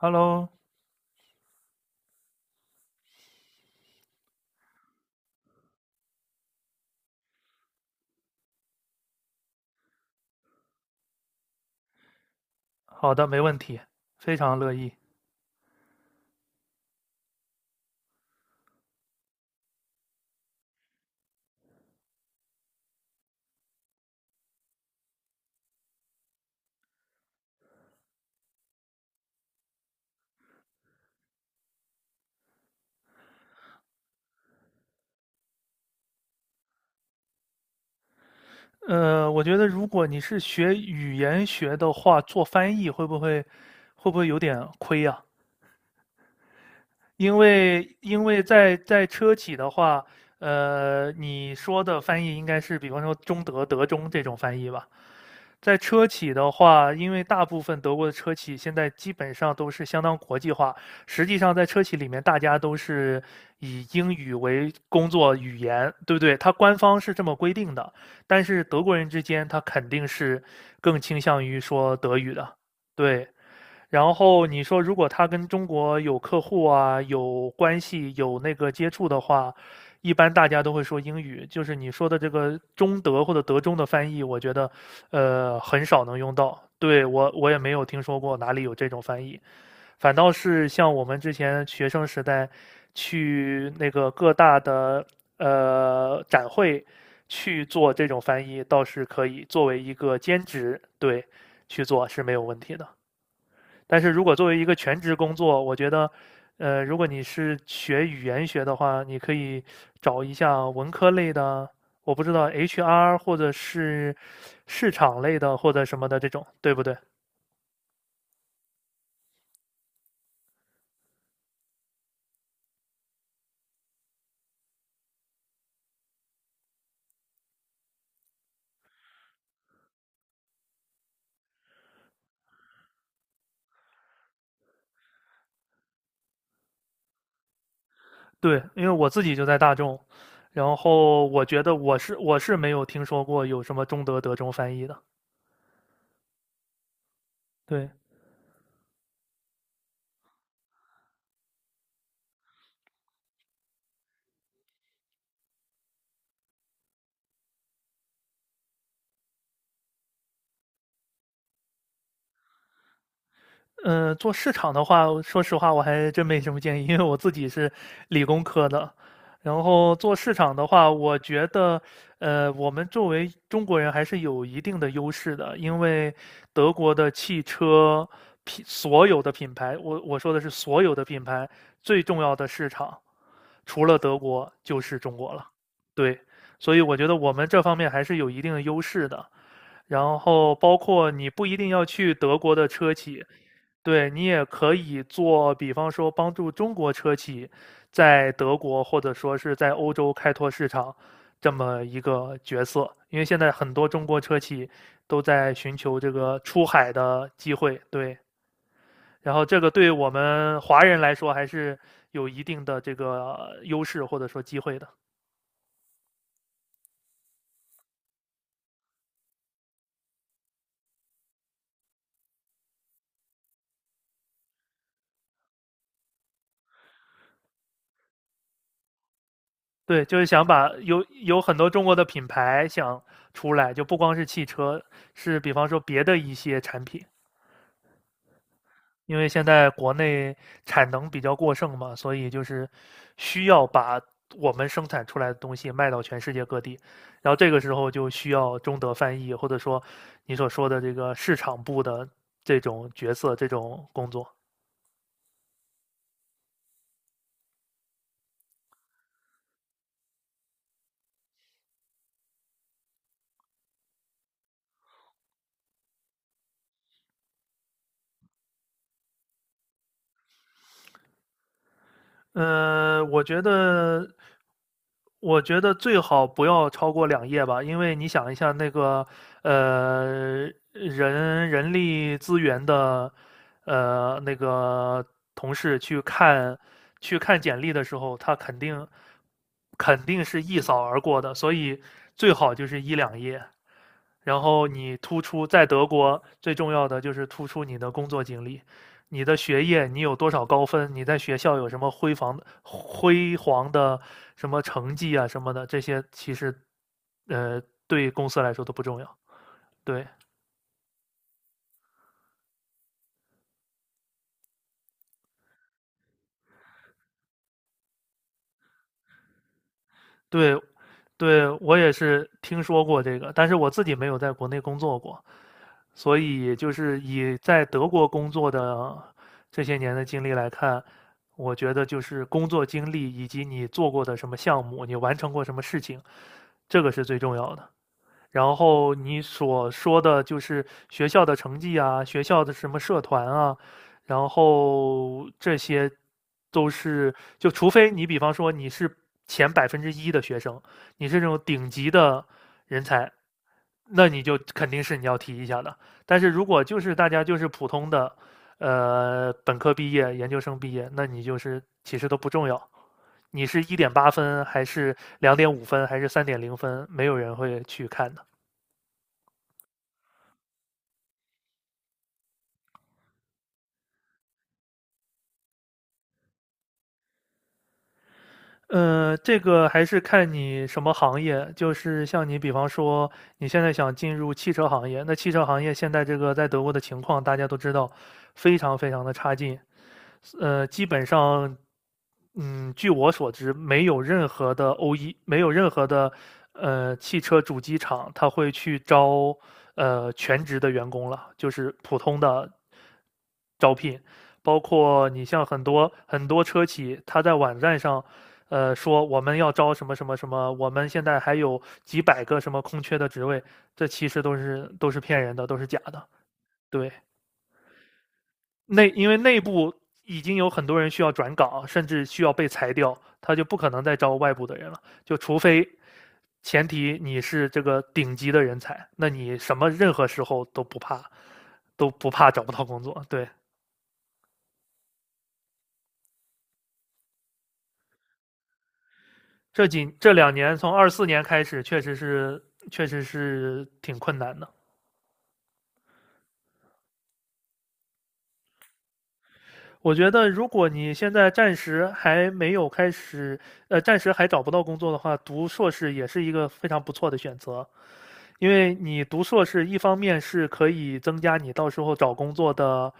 Hello，好的，没问题，非常乐意。我觉得如果你是学语言学的话，做翻译会不会有点亏啊？因为在车企的话，你说的翻译应该是比方说中德、德中这种翻译吧？在车企的话，因为大部分德国的车企现在基本上都是相当国际化。实际上，在车企里面，大家都是以英语为工作语言，对不对？它官方是这么规定的，但是德国人之间，他肯定是更倾向于说德语的。对，然后你说，如果他跟中国有客户啊、有关系、有那个接触的话，一般大家都会说英语。就是你说的这个中德或者德中的翻译，我觉得，很少能用到。对，我也没有听说过哪里有这种翻译，反倒是像我们之前学生时代去那个各大的展会去做这种翻译，倒是可以作为一个兼职，对，去做是没有问题的。但是如果作为一个全职工作，我觉得，如果你是学语言学的话，你可以找一下文科类的，我不知道 HR 或者是市场类的或者什么的这种，对不对？对，因为我自己就在大众，然后我觉得我是没有听说过有什么中德德中翻译的，对。嗯，做市场的话，说实话我还真没什么建议，因为我自己是理工科的。然后做市场的话，我觉得，我们作为中国人还是有一定的优势的，因为德国的汽车所有的品牌，我说的是所有的品牌，最重要的市场除了德国就是中国了。对，所以我觉得我们这方面还是有一定的优势的。然后包括你不一定要去德国的车企，对你也可以做，比方说帮助中国车企在德国或者说是在欧洲开拓市场这么一个角色，因为现在很多中国车企都在寻求这个出海的机会，对，然后这个对我们华人来说还是有一定的这个优势或者说机会的。对，就是想把有很多中国的品牌想出来，就不光是汽车，是比方说别的一些产品，因为现在国内产能比较过剩嘛，所以就是需要把我们生产出来的东西卖到全世界各地，然后这个时候就需要中德翻译，或者说你所说的这个市场部的这种角色、这种工作。呃，我觉得，我觉得最好不要超过两页吧，因为你想一下那个，呃，人力资源的，那个同事去看简历的时候，他肯定是一扫而过的，所以最好就是一两页。然后你突出在德国最重要的就是突出你的工作经历，你的学业你有多少高分，你在学校有什么辉煌的什么成绩啊什么的，这些其实呃对公司来说都不重要。对对，对，我也是听说过这个，但是我自己没有在国内工作过，所以就是以在德国工作的这些年的经历来看，我觉得就是工作经历以及你做过的什么项目，你完成过什么事情，这个是最重要的。然后你所说的就是学校的成绩啊，学校的什么社团啊，然后这些都是就除非你比方说你是前1%的学生，你是这种顶级的人才，那你就肯定是你要提一下的。但是如果就是大家就是普通的，本科毕业、研究生毕业，那你就是其实都不重要。你是1.8分还是2.5分还是3.0分，没有人会去看的。这个还是看你什么行业。就是像你，比方说你现在想进入汽车行业，那汽车行业现在这个在德国的情况，大家都知道，非常非常的差劲。基本上，据我所知，没有任何的 OE,没有任何的汽车主机厂，他会去招全职的员工了，就是普通的招聘。包括你像很多很多车企，他在网站上，说我们要招什么什么什么，我们现在还有几百个什么空缺的职位，这其实都是骗人的，都是假的。对，因为内部已经有很多人需要转岗，甚至需要被裁掉，他就不可能再招外部的人了，就除非前提你是这个顶级的人才，那你什么任何时候都不怕，都不怕找不到工作。对，这两年从2024年开始，确实是挺困难的。我觉得，如果你现在暂时还没有开始，暂时还找不到工作的话，读硕士也是一个非常不错的选择。因为你读硕士，一方面是可以增加你到时候找工作的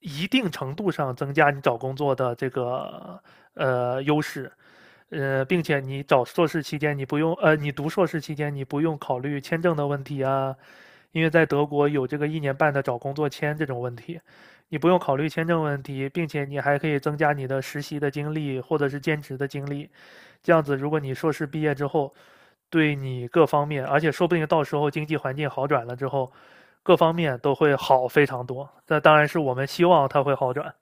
一定程度上增加你找工作的这个优势，并且你找硕士期间你不用呃，你读硕士期间你不用考虑签证的问题啊，因为在德国有这个一年半的找工作签这种问题，你不用考虑签证问题，并且你还可以增加你的实习的经历或者是兼职的经历，这样子如果你硕士毕业之后。对你各方面，而且说不定到时候经济环境好转了之后，各方面都会好非常多。那当然是我们希望它会好转。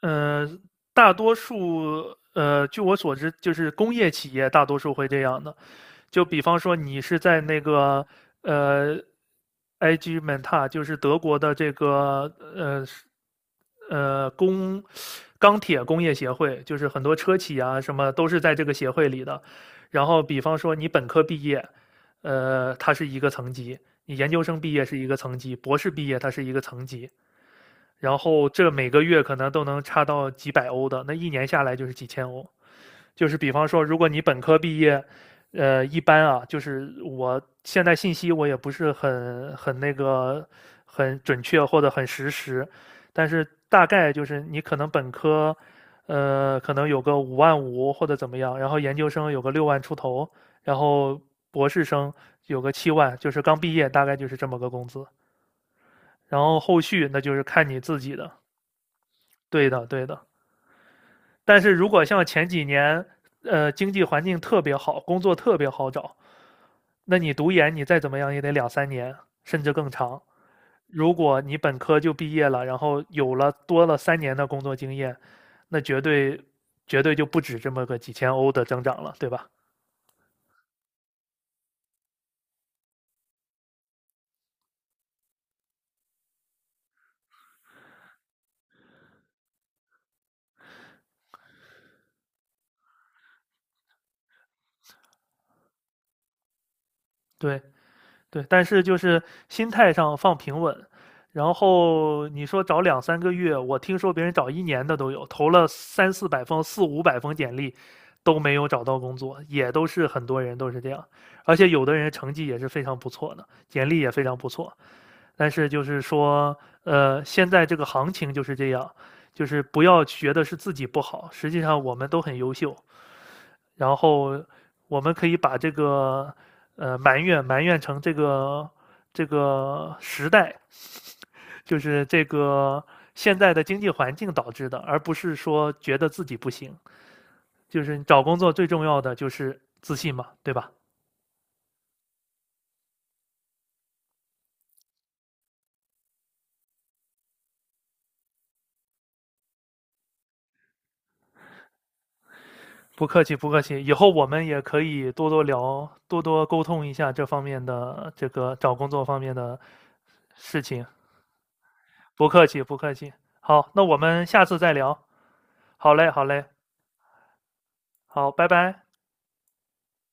嗯、呃大多数据我所知，就是工业企业大多数会这样的。就比方说你是在那个呃，IG Menta,就是德国的这个呃呃工钢铁工业协会，就是很多车企啊什么都是在这个协会里的。然后比方说你本科毕业，它是一个层级；你研究生毕业是一个层级，博士毕业它是一个层级。然后这每个月可能都能差到几百欧的，那一年下来就是几千欧。就是比方说，如果你本科毕业，一般啊，就是我现在信息我也不是很那个很准确或者很实时，但是大概就是你可能本科，可能有个5万5或者怎么样，然后研究生有个6万出头，然后博士生有个7万，就是刚毕业大概就是这么个工资，然后后续那就是看你自己的。对的，对的。但是如果像前几年，经济环境特别好，工作特别好找，那你读研你再怎么样也得两三年，甚至更长。如果你本科就毕业了，然后有了多了三年的工作经验，那绝对就不止这么个几千欧的增长了，对吧？对，对，但是就是心态上放平稳，然后你说找两三个月，我听说别人找一年的都有，投了三四百封、四五百封简历，都没有找到工作，也都是很多人都是这样，而且有的人成绩也是非常不错的，简历也非常不错，但是就是说，现在这个行情就是这样，就是不要觉得是自己不好，实际上我们都很优秀，然后我们可以把这个埋怨埋怨成这个时代，就是这个现在的经济环境导致的，而不是说觉得自己不行。就是找工作最重要的就是自信嘛，对吧？不客气，不客气。以后我们也可以多多聊，多多沟通一下这方面的这个找工作方面的事情。不客气，不客气。好，那我们下次再聊。好嘞，好嘞，好，拜拜。